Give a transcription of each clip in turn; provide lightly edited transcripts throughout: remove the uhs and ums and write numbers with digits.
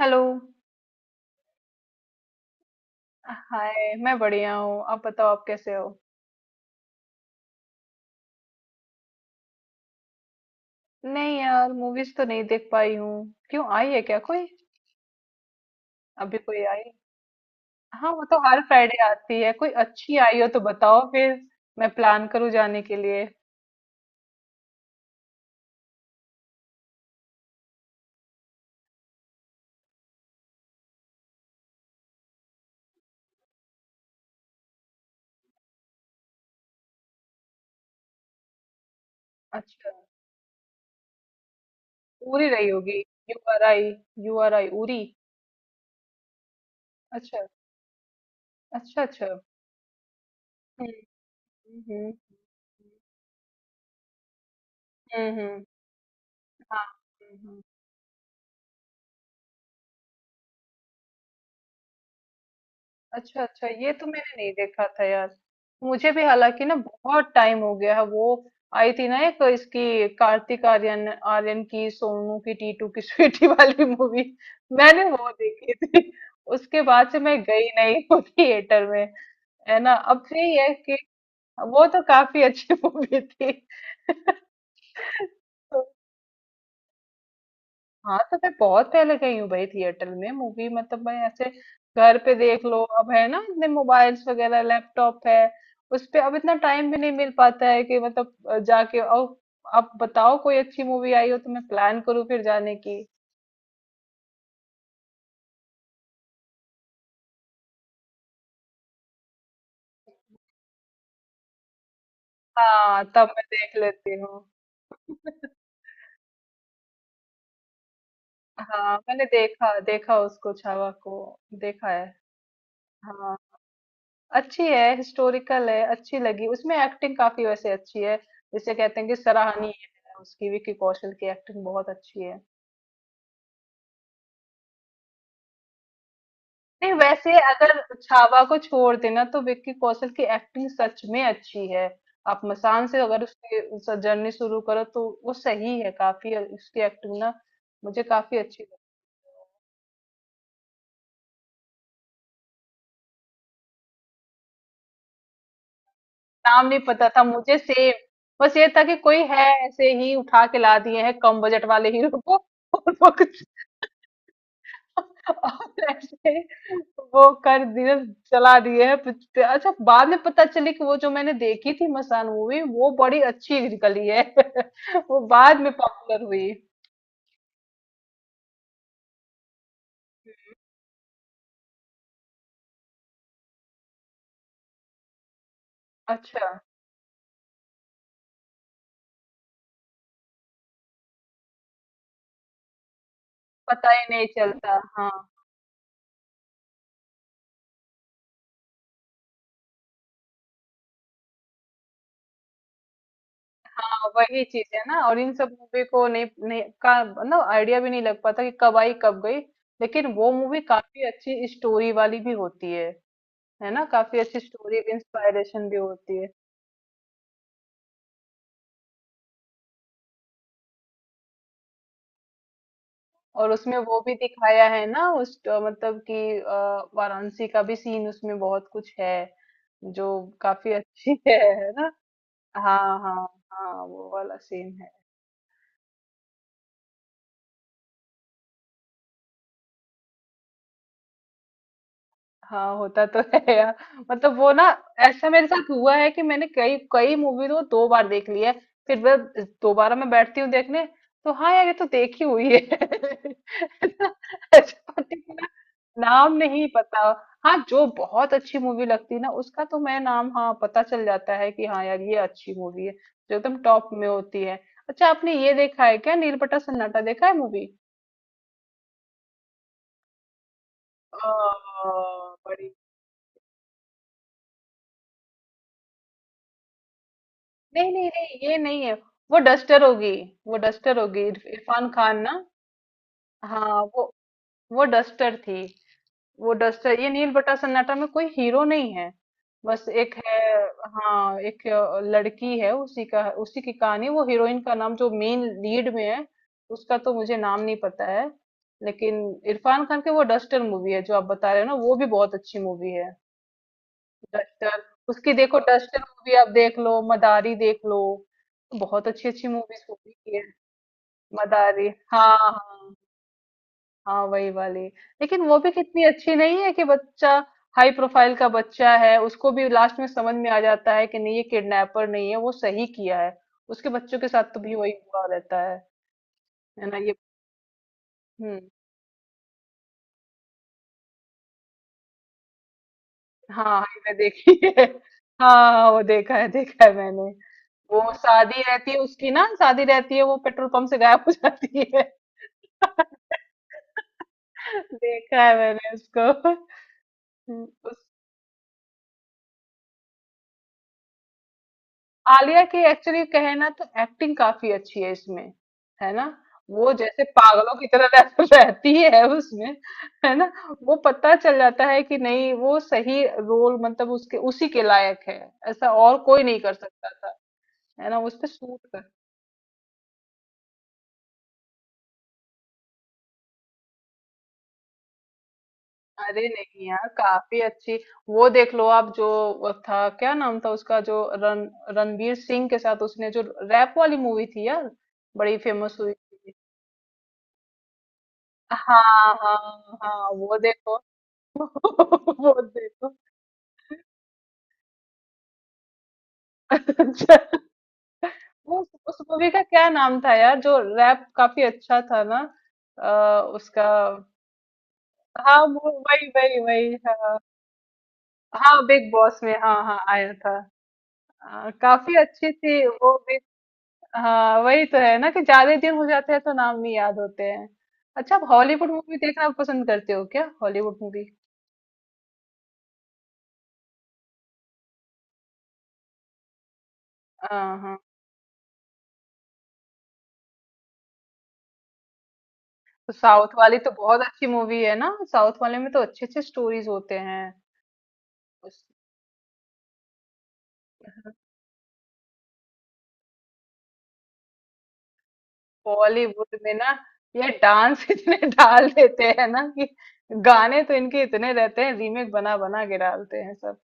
Hello. Hi, मैं बढ़िया हूँ। आप बताओ, आप कैसे हो? नहीं यार, मूवीज तो नहीं देख पाई हूँ। क्यों, आई है क्या कोई? अभी कोई आई? हाँ, वो तो हर फ्राइडे आती है। कोई अच्छी आई हो तो बताओ फिर, मैं प्लान करूँ जाने के लिए। अच्छा, उरी रही होगी। U R I. U R I, Uri. अच्छा, अच्छा अच्छा। हम्म हम्म। हम्म हम्म, हाँ। हम्म, हम्म। अच्छा अच्छा, ये तो मैंने नहीं देखा था यार। मुझे भी हालांकि ना बहुत टाइम हो गया है। वो आई थी ना एक इसकी कार्तिक आर्यन आर्यन की, सोनू की टीटू की स्वीटी वाली मूवी। मैंने वो देखी थी। उसके बाद से मैं गई नहीं वो थिएटर में। है ना, अब यही है कि वो तो काफी अच्छी मूवी थी। तो हाँ, तो मैं बहुत पहले गई हूँ भाई थिएटर में मूवी। मतलब मैं ऐसे घर पे देख लो अब, है ना, इतने मोबाइल्स वगैरह लैपटॉप है। उस पे अब इतना टाइम भी नहीं मिल पाता है कि मतलब जाके और। आप बताओ कोई अच्छी मूवी आई हो तो मैं प्लान करूँ फिर जाने की। हाँ तब मैं देख लेती हूँ। हाँ मैंने देखा देखा उसको, छावा को देखा है। हाँ अच्छी है, हिस्टोरिकल है, अच्छी लगी। उसमें एक्टिंग काफी वैसे अच्छी है, जिसे कहते हैं कि सराहनीय है उसकी। विकी कौशल की एक्टिंग बहुत अच्छी है। नहीं, वैसे अगर छावा को छोड़ देना तो विक्की कौशल की एक्टिंग सच में अच्छी है। आप मसान से अगर उसकी जर्नी शुरू करो तो वो सही है काफी। और उसकी एक्टिंग ना मुझे काफी अच्छी लगी। नाम नहीं पता था मुझे, सेम। बस ये था कि कोई है, ऐसे ही उठा के ला दिए हैं कम बजट वाले हीरो को ऐसे वो कर दिए, चला दिए हैं पिक्चर। अच्छा, बाद में पता चली कि वो जो मैंने देखी थी मसान मूवी, वो बड़ी अच्छी निकली है। वो बाद में पॉपुलर हुई। अच्छा। पता ही नहीं चलता हाँ। हाँ वही चीज है ना, और इन सब मूवी को नहीं का ना आइडिया भी नहीं लग पाता कि कब आई कब गई। लेकिन वो मूवी काफी अच्छी स्टोरी वाली भी होती है। है ना, काफी अच्छी स्टोरी, इंस्पायरेशन भी होती है। और उसमें वो भी दिखाया है ना उस मतलब कि वाराणसी का भी सीन। उसमें बहुत कुछ है जो काफी अच्छी है ना। हाँ हाँ, हाँ वो वाला सीन है। हाँ होता तो है यार। मतलब वो ना, ऐसा मेरे साथ हुआ है कि मैंने कई कई मूवी तो दो बार देख ली है। फिर मैं दोबारा मैं बैठती हूँ देखने, तो हाँ यार ये तो देखी हुई है। ऐसा particular नाम नहीं पता। हाँ जो बहुत अच्छी मूवी लगती है ना उसका तो मैं नाम, हाँ, पता चल जाता है कि हाँ यार ये अच्छी मूवी है, जो एकदम टॉप में होती है। अच्छा, आपने ये देखा है क्या, नीलबटा सन्नाटा देखा है मूवी? आ, बड़ी, नहीं नहीं, नहीं ये नहीं है। वो डस्टर होगी। वो डस्टर होगी, इरफान खान ना। हाँ वो डस्टर थी। वो डस्टर, ये नील बट्टा सन्नाटा में कोई हीरो नहीं है। बस एक है। हाँ एक लड़की है, उसी का उसी की कहानी। वो हीरोइन का नाम जो मेन लीड में है उसका तो मुझे नाम नहीं पता है। लेकिन इरफान खान की वो डस्टर मूवी है जो आप बता रहे हो ना, वो भी बहुत अच्छी मूवी है, डस्टर। उसकी देखो डस्टर मूवी आप देख लो, मदारी देख लो। बहुत अच्छी अच्छी मूवीज मूवी की है। मदारी, हाँ हाँ, हाँ वही वाली। लेकिन वो भी कितनी अच्छी नहीं है कि बच्चा हाई प्रोफाइल का बच्चा है, उसको भी लास्ट में समझ में आ जाता है कि नहीं ये किडनैपर नहीं है, वो सही किया है। उसके बच्चों के साथ तो भी वही हुआ रहता है। है ना ये। हम्म। हाँ हाँ, ये मैं देखी है। हाँ हाँ, हाँ, वो देखा है मैंने। वो शादी रहती है उसकी ना, शादी रहती है, वो पेट्रोल पंप से गायब हो जाती है। देखा है मैंने उसको। हम्म, आलिया की एक्चुअली कहे ना तो एक्टिंग काफी अच्छी है इसमें, है ना। वो जैसे पागलों की तरह रहती है उसमें, है ना। वो पता चल जाता है कि नहीं वो सही रोल, मतलब उसके उसी के लायक है। ऐसा और कोई नहीं कर सकता था, है ना उस पे सूट कर। अरे नहीं यार, काफी अच्छी। वो देख लो आप, जो वो था क्या नाम था उसका, जो रण, रणवीर सिंह के साथ उसने जो रैप वाली मूवी थी यार, बड़ी फेमस हुई थी। हाँ हाँ, हाँ वो देखो। बहुत देखो। अच्छा, उस मूवी का क्या नाम था यार, जो रैप काफी अच्छा था ना? आ, उसका। हाँ वो वही वही वही हाँ। हाँ बिग बॉस में, हाँ हाँ आया था। आ, काफी अच्छी थी वो भी। हाँ वही तो है ना कि ज्यादा दिन हो जाते हैं तो नाम नहीं याद होते हैं। अच्छा, आप हॉलीवुड मूवी देखना पसंद करते हो क्या, हॉलीवुड मूवी? हाँ हाँ, तो साउथ वाली तो बहुत अच्छी मूवी है ना। साउथ वाले में तो अच्छे अच्छे स्टोरीज होते हैं। बॉलीवुड में ना ये डांस इतने डाल देते हैं ना कि, गाने तो इनके इतने रहते हैं, रीमेक बना बना के डालते हैं सब।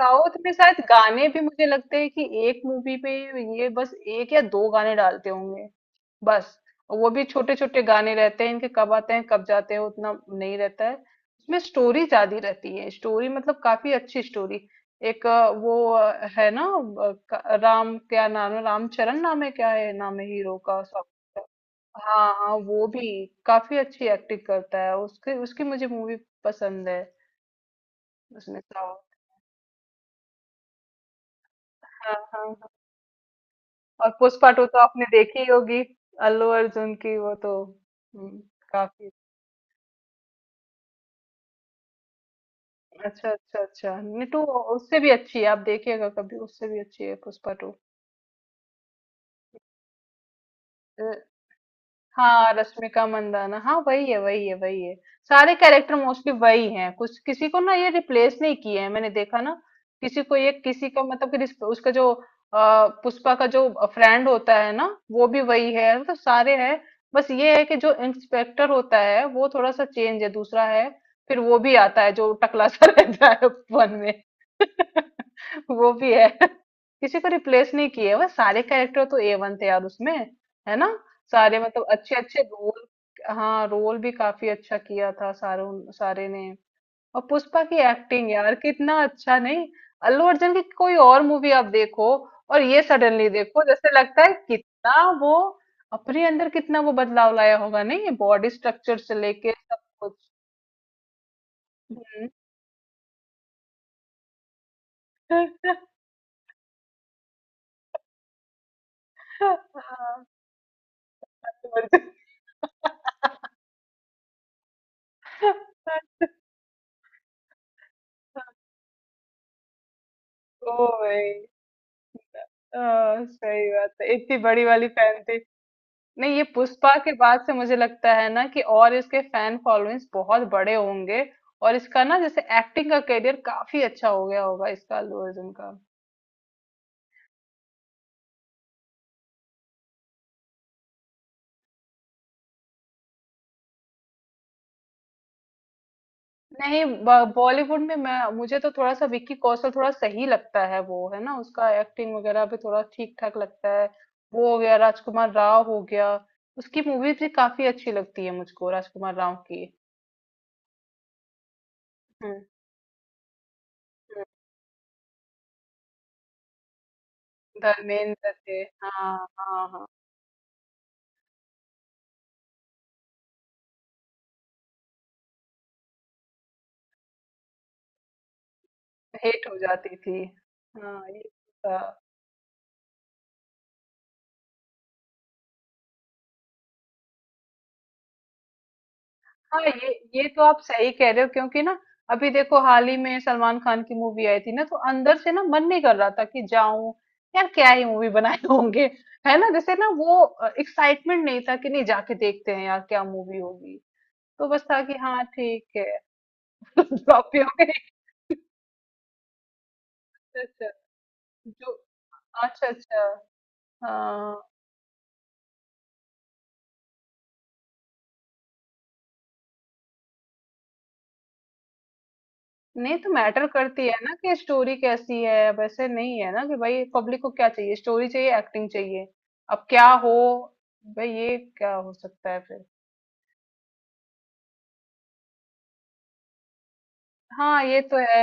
साउथ में शायद गाने भी मुझे लगते हैं कि एक मूवी में ये बस एक या दो गाने डालते होंगे बस। वो भी छोटे छोटे गाने रहते हैं इनके, कब आते हैं कब जाते हैं उतना नहीं रहता है। उसमें स्टोरी ज्यादा रहती है, स्टोरी मतलब काफी अच्छी स्टोरी। एक वो है ना, राम क्या नाम है, रामचरण नाम है क्या है नाम है हीरो का। हाँ हाँ, वो भी काफी अच्छी एक्टिंग करता है। उसके उसकी मुझे मूवी पसंद है। उसमें तो हाँ हाँ हाँ। और पुष्पा टू तो आपने देखी होगी, अल्लू अर्जुन की? वो तो हम्म, काफी। अच्छा अच्छा अच्छा, नहीं तो उससे भी अच्छी है, आप देखिएगा कभी, उससे भी अच्छी है पुष्पा टू। हाँ रश्मिका मंदाना, हाँ वही है वही है। सारे कैरेक्टर मोस्टली वही हैं, कुछ किसी को ना ये रिप्लेस नहीं किए हैं, मैंने देखा ना। किसी को ये किसी का मतलब कि उसका जो पुष्पा का जो फ्रेंड होता है ना, वो भी वही है, मतलब सारे हैं। बस ये है कि जो इंस्पेक्टर होता है वो थोड़ा सा चेंज है, दूसरा है। फिर वो भी आता है जो टकला सा रहता है वन में। वो भी है, किसी को रिप्लेस नहीं किए। बस सारे कैरेक्टर तो ए वन थे यार उसमें, है ना। सारे मतलब अच्छे अच्छे रोल। हाँ रोल भी काफी अच्छा किया था सारों सारे ने। और पुष्पा की एक्टिंग यार, कितना अच्छा नहीं। अल्लू अर्जुन की कोई और मूवी आप देखो और ये सडनली देखो जैसे लगता है कितना वो अपने अंदर कितना वो बदलाव लाया होगा। नहीं ये बॉडी स्ट्रक्चर से लेके सब कुछ। हम्म। हाँ, अर्जुन। ओ भाई, आ, सही बात है, इतनी बड़ी वाली फैन थी। नहीं ये पुष्पा के बाद से मुझे लगता है ना कि और इसके फैन फॉलोइंग्स बहुत बड़े होंगे और इसका ना जैसे एक्टिंग का करियर काफी अच्छा हो गया होगा इसका, अल्लू अर्जुन का। नहीं बॉलीवुड में मैं मुझे तो थोड़ा सा विक्की कौशल थोड़ा सही लगता है वो, है ना। उसका एक्टिंग वगैरह भी थोड़ा ठीक ठाक लगता है। वो हो गया, राजकुमार राव हो गया। उसकी मूवीज भी काफी अच्छी लगती है मुझको, राजकुमार राव की। हम्म। हम्म, धर्मेंद्र थे, हाँ हाँ हाँ। हिट हो जाती थी। हाँ ये था। हाँ ये तो आप सही कह रहे हो, क्योंकि ना अभी देखो हाल ही में सलमान खान की मूवी आई थी ना, तो अंदर से ना मन नहीं कर रहा था कि जाऊं, यार क्या ही मूवी बनाए होंगे। है ना, जैसे ना वो एक्साइटमेंट नहीं था कि नहीं जाके देखते हैं यार क्या मूवी होगी। तो बस था कि हाँ ठीक है। फ्लॉपी हो गई। अच्छा अच्छा, जो, अच्छा अच्छा, हाँ। नहीं तो मैटर करती है ना कि स्टोरी कैसी है। वैसे नहीं है ना कि भाई पब्लिक को क्या चाहिए, स्टोरी चाहिए, एक्टिंग चाहिए। अब क्या हो भाई, ये क्या हो सकता है फिर। हाँ ये तो है।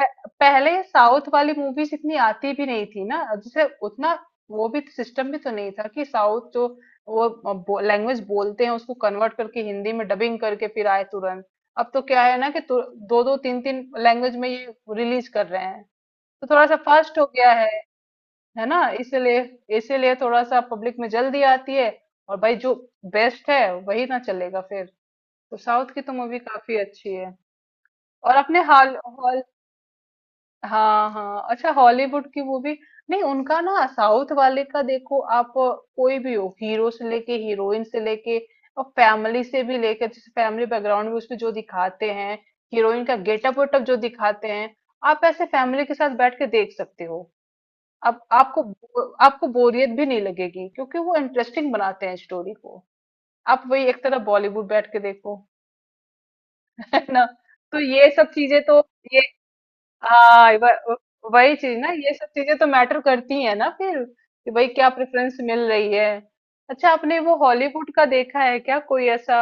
पहले साउथ वाली मूवीज इतनी आती भी नहीं थी ना जैसे उतना। वो भी सिस्टम भी तो नहीं था कि साउथ जो वो लैंग्वेज बोलते हैं उसको कन्वर्ट करके हिंदी में डबिंग करके फिर आए तुरंत। अब तो क्या है ना, कि दो दो तीन तीन लैंग्वेज में ये रिलीज कर रहे हैं, तो थोड़ा सा फास्ट हो गया है ना। इसीलिए इसीलिए थोड़ा सा पब्लिक में जल्दी आती है। और भाई जो बेस्ट है वही ना चलेगा फिर। तो साउथ की तो मूवी काफी अच्छी है। और अपने हॉल हॉल, हाँ हाँ, अच्छा हॉलीवुड की मूवी। नहीं उनका ना साउथ वाले का देखो, आप कोई भी हो, हीरो से लेके हीरोइन से लेके और फैमिली से भी लेकर। जैसे फैमिली बैकग्राउंड में उसमें जो दिखाते हैं, हीरोइन का गेटअप वेटअप जो दिखाते हैं, आप ऐसे फैमिली के साथ बैठ के देख सकते हो। अब आपको आपको बोरियत भी नहीं लगेगी, क्योंकि वो इंटरेस्टिंग बनाते हैं स्टोरी को। आप वही एक तरह बॉलीवुड बैठ के देखो। है ना, तो ये सब चीजें तो ये, हाँ वही चीज ना, ये सब चीजें तो मैटर करती है ना फिर, कि भाई क्या प्रेफरेंस मिल रही है। अच्छा, आपने वो हॉलीवुड का देखा है क्या कोई ऐसा,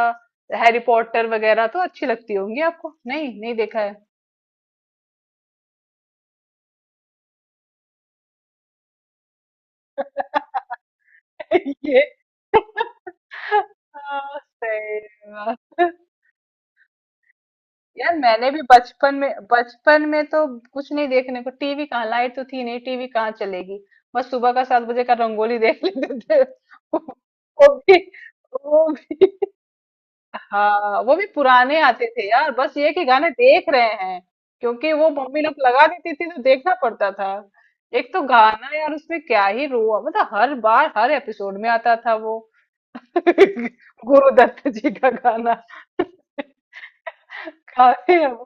हैरी पॉटर वगैरह तो अच्छी लगती होंगी आपको? नहीं नहीं देखा है। ये। हाँ, सही बात। यार मैंने भी बचपन में, बचपन में तो कुछ नहीं देखने को, टीवी कहाँ, लाइट तो थी नहीं, टीवी कहाँ चलेगी। बस सुबह का 7 बजे का रंगोली देख लेते थे वो भी। वो भी हाँ वो भी पुराने आते थे यार, बस ये कि गाने देख रहे हैं क्योंकि वो मम्मी लोग लगा देती थी तो देखना पड़ता था। एक तो गाना यार उसमें क्या ही रो, मतलब हर बार हर एपिसोड में आता था वो। गुरुदत्त जी का गाना। काफी है वो।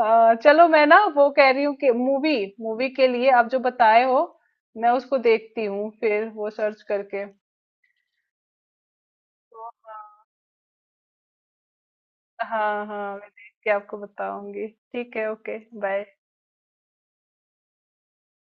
चलो मैं ना वो कह रही हूँ कि मूवी, मूवी के लिए आप जो बताए हो मैं उसको देखती हूँ फिर, वो सर्च करके। हाँ हाँ, मैं देख के आपको बताऊंगी। ठीक है, ओके बाय।